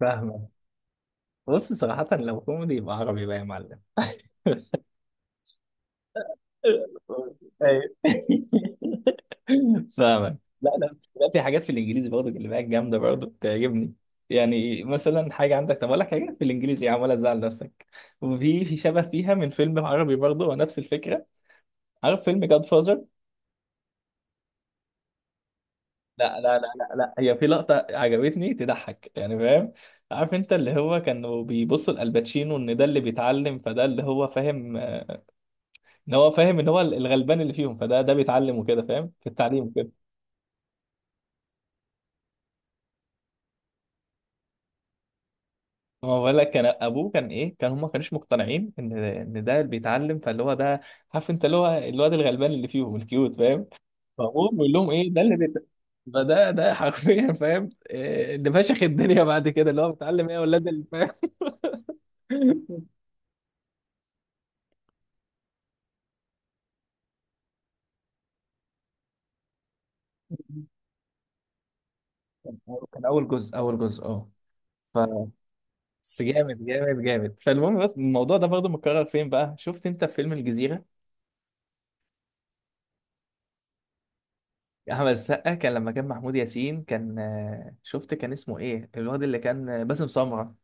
فاهمة. بص صراحة لو كوميدي يبقى عربي بقى يا معلم. أيوة. فاهمك. لا لا لا، في حاجات في الانجليزي برضه اللي بقى جامده برضه بتعجبني. يعني مثلا حاجه عندك، طب اقول لك حاجه في الانجليزي يا عم ولا تزعل نفسك. وفي شبه فيها من فيلم عربي برضه ونفس الفكره. عارف فيلم جاد فازر؟ لا لا لا لا لا، هي في لقطه عجبتني تضحك يعني، فاهم؟ عارف انت اللي هو كانوا بيبصوا لالباتشينو ان ده اللي بيتعلم، فده اللي هو فاهم ان هو فاهم ان هو الغلبان اللي فيهم، فده ده بيتعلم وكده، فاهم في التعليم وكده. ما هو بقول لك كان ابوه كان ايه، كان هم ما كانوش مقتنعين ان ده اللي بيتعلم، فاللي هو ده، عارف انت اللي هو الواد الغلبان اللي فيهم الكيوت، فاهم؟ فابوه بيقول لهم ايه ده فده ده حرفيا، فاهم إيه اللي فشخ الدنيا بعد كده، اللي هو بيتعلم ايه يا ولاد اللي، فاهم؟ كان اول جزء، اه. ف جامد جامد جامد. فالمهم، بس الموضوع ده برضه متكرر فين بقى، شفت انت في فيلم الجزيرة؟ احمد السقا، كان لما كان محمود ياسين كان شفت كان اسمه ايه الواد اللي كان باسم سمرة.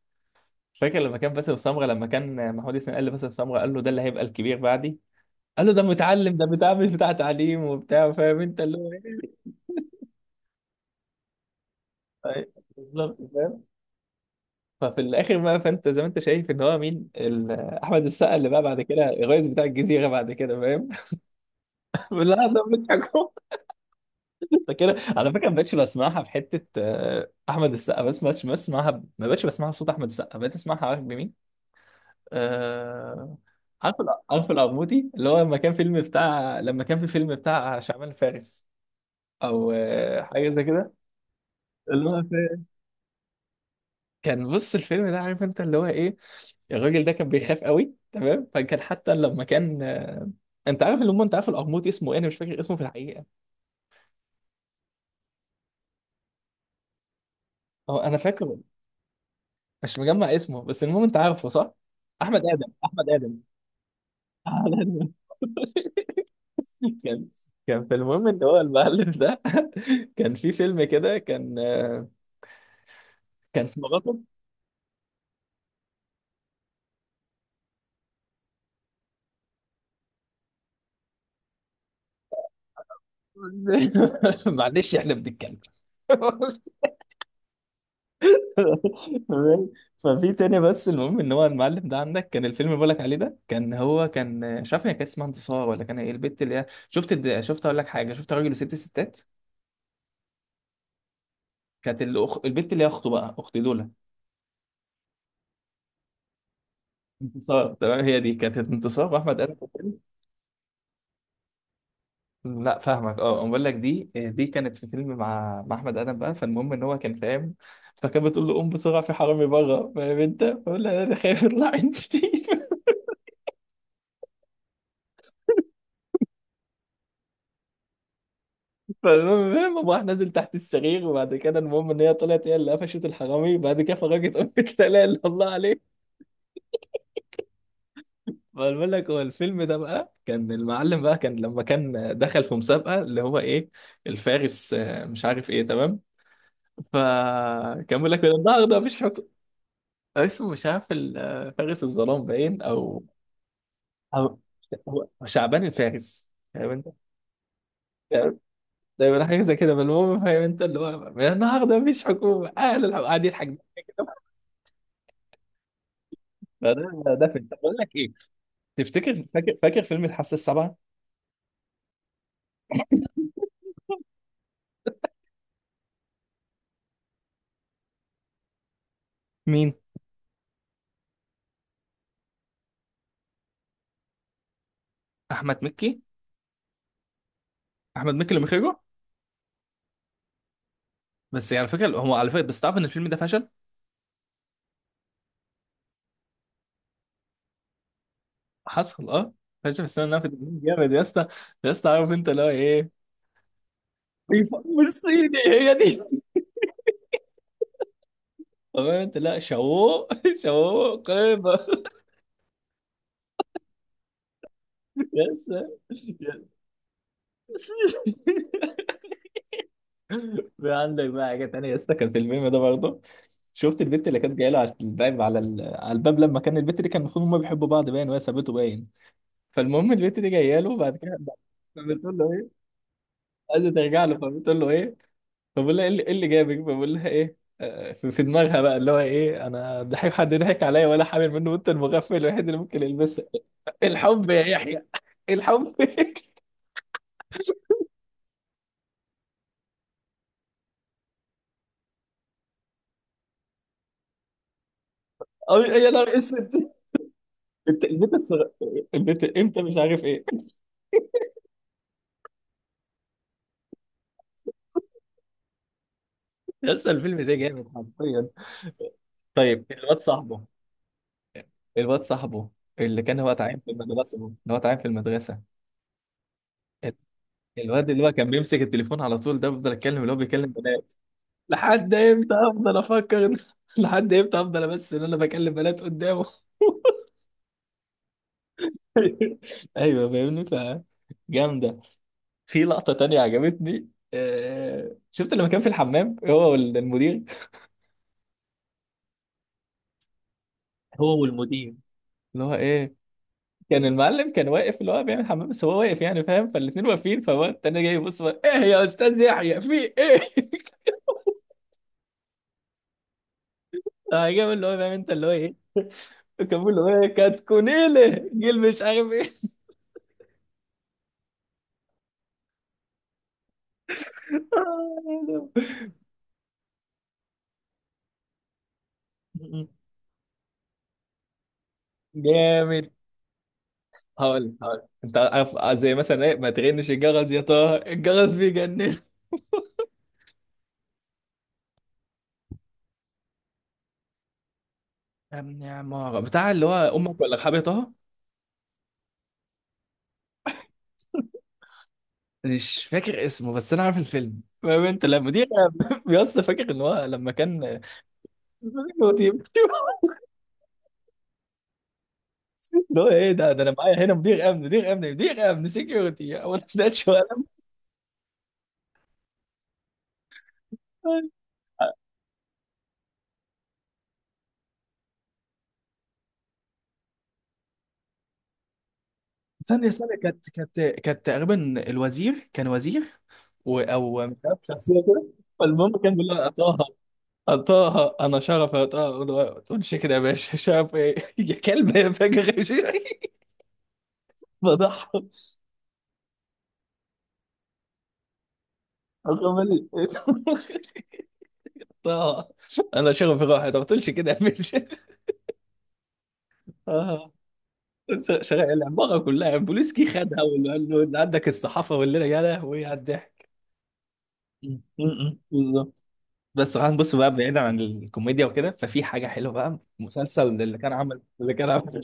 فاكر لما كان باسم سمرة لما كان محمود ياسين قال لباسم سمرة، قال له ده اللي هيبقى الكبير بعدي. قال له ده متعلم، ده بتاع، مش بتاع تعليم وبتاع، فاهم انت اللي هو ايه؟ طيب، بالظبط، فاهم. ففي الاخر بقى، فانت زي ما انت شايف ان هو مين، احمد السقا اللي بقى بعد كده الرئيس بتاع الجزيرة بعد كده، فاهم؟ لا ده مش حكومة. كده على فكره ما بقتش بسمعها في حته احمد السقا، بس ما بقتش بسمعها، ما بقتش بسمعها بصوت احمد السقا، بقيت اسمعها عارف بمين؟ آه، عارف عارف القرموطي اللي هو لما كان فيلم بتاع، لما كان في فيلم بتاع شعبان فارس او حاجه زي كده. اللي هو في- كان بص الفيلم ده، عارف انت اللي هو ايه، الراجل ده كان بيخاف قوي تمام. فكان حتى لما كان انت عارف اللي هم، انت عارف القرموطي اسمه ايه؟ انا مش فاكر اسمه في الحقيقه. هو انا فاكره، مش مجمع اسمه، بس المهم انت عارفه صح؟ احمد ادم، احمد ادم. على الم- كان كان في المهم ان هو المعلم ده. كان في فيلم كده كان كان مراته. معلش احنا بنتكلم. تمام؟ ففي تاني، بس المهم ان هو المعلم ده عندك، كان الفيلم اللي بقولك عليه ده كان هو كان مش عارف، هي كانت اسمها انتصار ولا كان ايه البت اللي هي، شفت شفت اقول لك حاجه، شفت راجل وست ستات؟ كانت البت اللي هي اخته بقى، اخت دولا. انتصار، تمام، هي دي كانت انتصار، واحمد قال. لا فاهمك، اه أنا بقول لك دي دي كانت في فيلم مع احمد ادم بقى. فالمهم ان هو كان فاهم، فكانت بتقول له قوم بسرعه في حرامي بره، فاهم انت، فقول لها انا خايف يطلع عندي. فالمهم قام راح نازل تحت السرير، وبعد كده المهم ان هي طلعت هي اللي قفشت الحرامي، وبعد كده فرجت قمت لا اله الا الله عليه. فبقول لك هو الفيلم ده بقى، كان المعلم بقى كان لما كان دخل في مسابقه اللي هو ايه، الفارس مش عارف ايه، تمام؟ فكان بيقول لك من النهارده مفيش حكم. اسمه مش عارف، فارس الظلام باين، او أو، هو شعبان الفارس، فاهم انت؟ فاهم؟ دايما حاجه زي كده. فالمهم، فاهم انت اللي هو النهارده مفيش حكومه، اهل الحكومه قاعد يضحك ضحك كده. فده ده فيلم. طب بقول لك ايه، تفتكر فاكر، فاكر فيلم الحاسه السابعه؟ مين؟ احمد مكي. احمد مكي اللي مخرجه. بس يعني على فكره هو، على فكره بس، تعرف ان الفيلم ده فشل؟ حصل اه. فشل في السنه اللي فاتت جامد يا اسطى. يا اسطى عارف انت اللي هو ايه، الفيلم الصيني هي دي. قمت لا شو شو قيمة. يا سلام يا سلام. في عندك بقى حاجة تانية يا اسطى، كان في الميم ده برضه. شفت البت اللي كانت جايه له على الباب، على على الباب، لما كان البت دي كان المفروض هما بيحبوا بعض باين وهي سابته باين. فالمهم البت دي جايه له بعد كده، فبتقول له ايه، عايزه ترجع له، فبتقول له ايه، فبقول لها ايه اللي، إيه اللي جابك، فبقول لها ايه في دماغها بقى اللي هو ايه، انا ضحك حد ضحك عليا ولا حامل منه، وانت المغفل الوحيد اللي ممكن يلبسها. الحب يا يحيى، الحب. أو يا نهار اسود. انت البيت الصغ... البيت انت مش عارف ايه. لسه الفيلم ده جامد حرفيا. طيب الواد صاحبه، الواد صاحبه اللي كان هو تعبان في المدرسه، اللي هو تعبان في المدرسه، ال- الواد اللي هو كان بيمسك التليفون على طول ده، بفضل اتكلم اللي هو بيكلم بنات. لحد امتى افضل افكر لحد امتى افضل بس ان انا بكلم بنات قدامه. ايوه فاهمني. ف جامده. في لقطه تانية عجبتني، شفت لما كان في الحمام هو والمدير، هو والمدير اللي هو ايه، كان المعلم كان واقف اللي هو بيعمل حمام بس هو واقف يعني، فاهم؟ فالاتنين واقفين، فهو التاني جاي يبص بقى، ايه يا استاذ يحيى، في ايه؟ فجاب اللي هو، فاهم انت اللي هو ايه، كان بيقول له ايه كاتكونيله جيل مش عارف ايه. جامد. هقول، هقول انت عارف زي مثلا ايه، ما تغنش الجرس يا طه الجرس بيجنن. يا ابني يا عمارة بتاع اللي هو امك ولا رحاب يا طه. مش فاكر اسمه بس انا عارف الفيلم، فاهم انت لما دي. بيص فاكر ان هو لما كان سكيورتي. اللي هو ايه. ده ده انا معايا هنا مدير امن، مدير امن، مدير امن سكيورتي، هو ما تبداش ولا. ثانية ثانية كانت كانت كانت تقريبا الوزير، كان وزير و او مش عارف، شخصية كده. فالمهم كان بيقول لها طه، طه انا شرف يا طه، أقول له ما تقولش كده يا باشا، شرف ايه؟ يا كلب يا فجر. يا شيخ. فضحك. أكمل. طه انا شرف راحت، ما تقولش كده يا باشا. آه. شغال العباره كلها بوليسكي خدها، واللي قال له اللي عندك الصحافه والليله، يا لهوي على الضحك. بالظبط. بس خلينا نبص بقى بعيدا عن الكوميديا وكده، ففي حاجه حلوه بقى، مسلسل اللي كان عمل،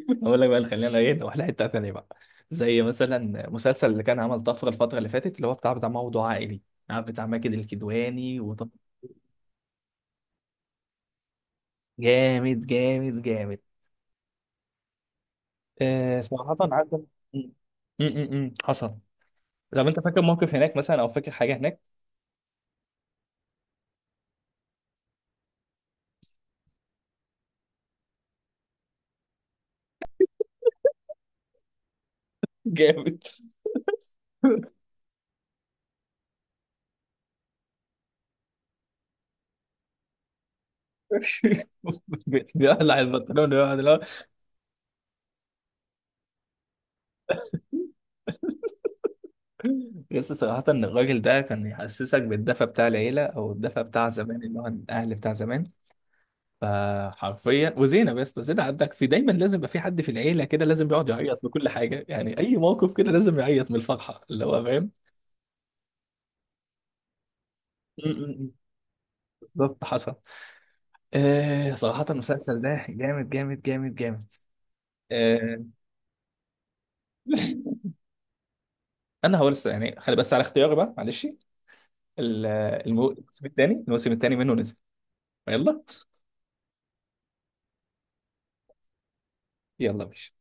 اقول لك بقى، اللي خلينا ايه نروح لحته ثانيه بقى، زي مثلا مسلسل اللي كان عمل طفره الفتره اللي فاتت، اللي هو بتاع موضوع عائلي، عارف بتاع ماجد الكدواني، وطب جامد جامد جامد. آه صراحه عارف م حصل. طب انت فاكر موقف هناك مثلا، او فاكر حاجه هناك؟ جامد. بيقلع البنطلون ويقعد اللي هو. بس صراحه ان الراجل ده كان يحسسك بالدفى بتاع العيله، او الدفى بتاع زمان، اللي هو الاهل بتاع زمان. فحرفيا، وزينب يا اسطى، زينب عندك في دايما لازم يبقى في حد في العيله كده لازم يقعد يعيط من كل حاجه، يعني اي موقف كده لازم يعيط من الفرحه، اللي هو فاهم. م- م- م. بالظبط، حصل. آه صراحه المسلسل ده جامد جامد جامد جامد. آه. انا هقول يعني خلي بس على اختياري بقى معلش، ال- الموسم الثاني، منه نزل. يلا. يلا ماشي.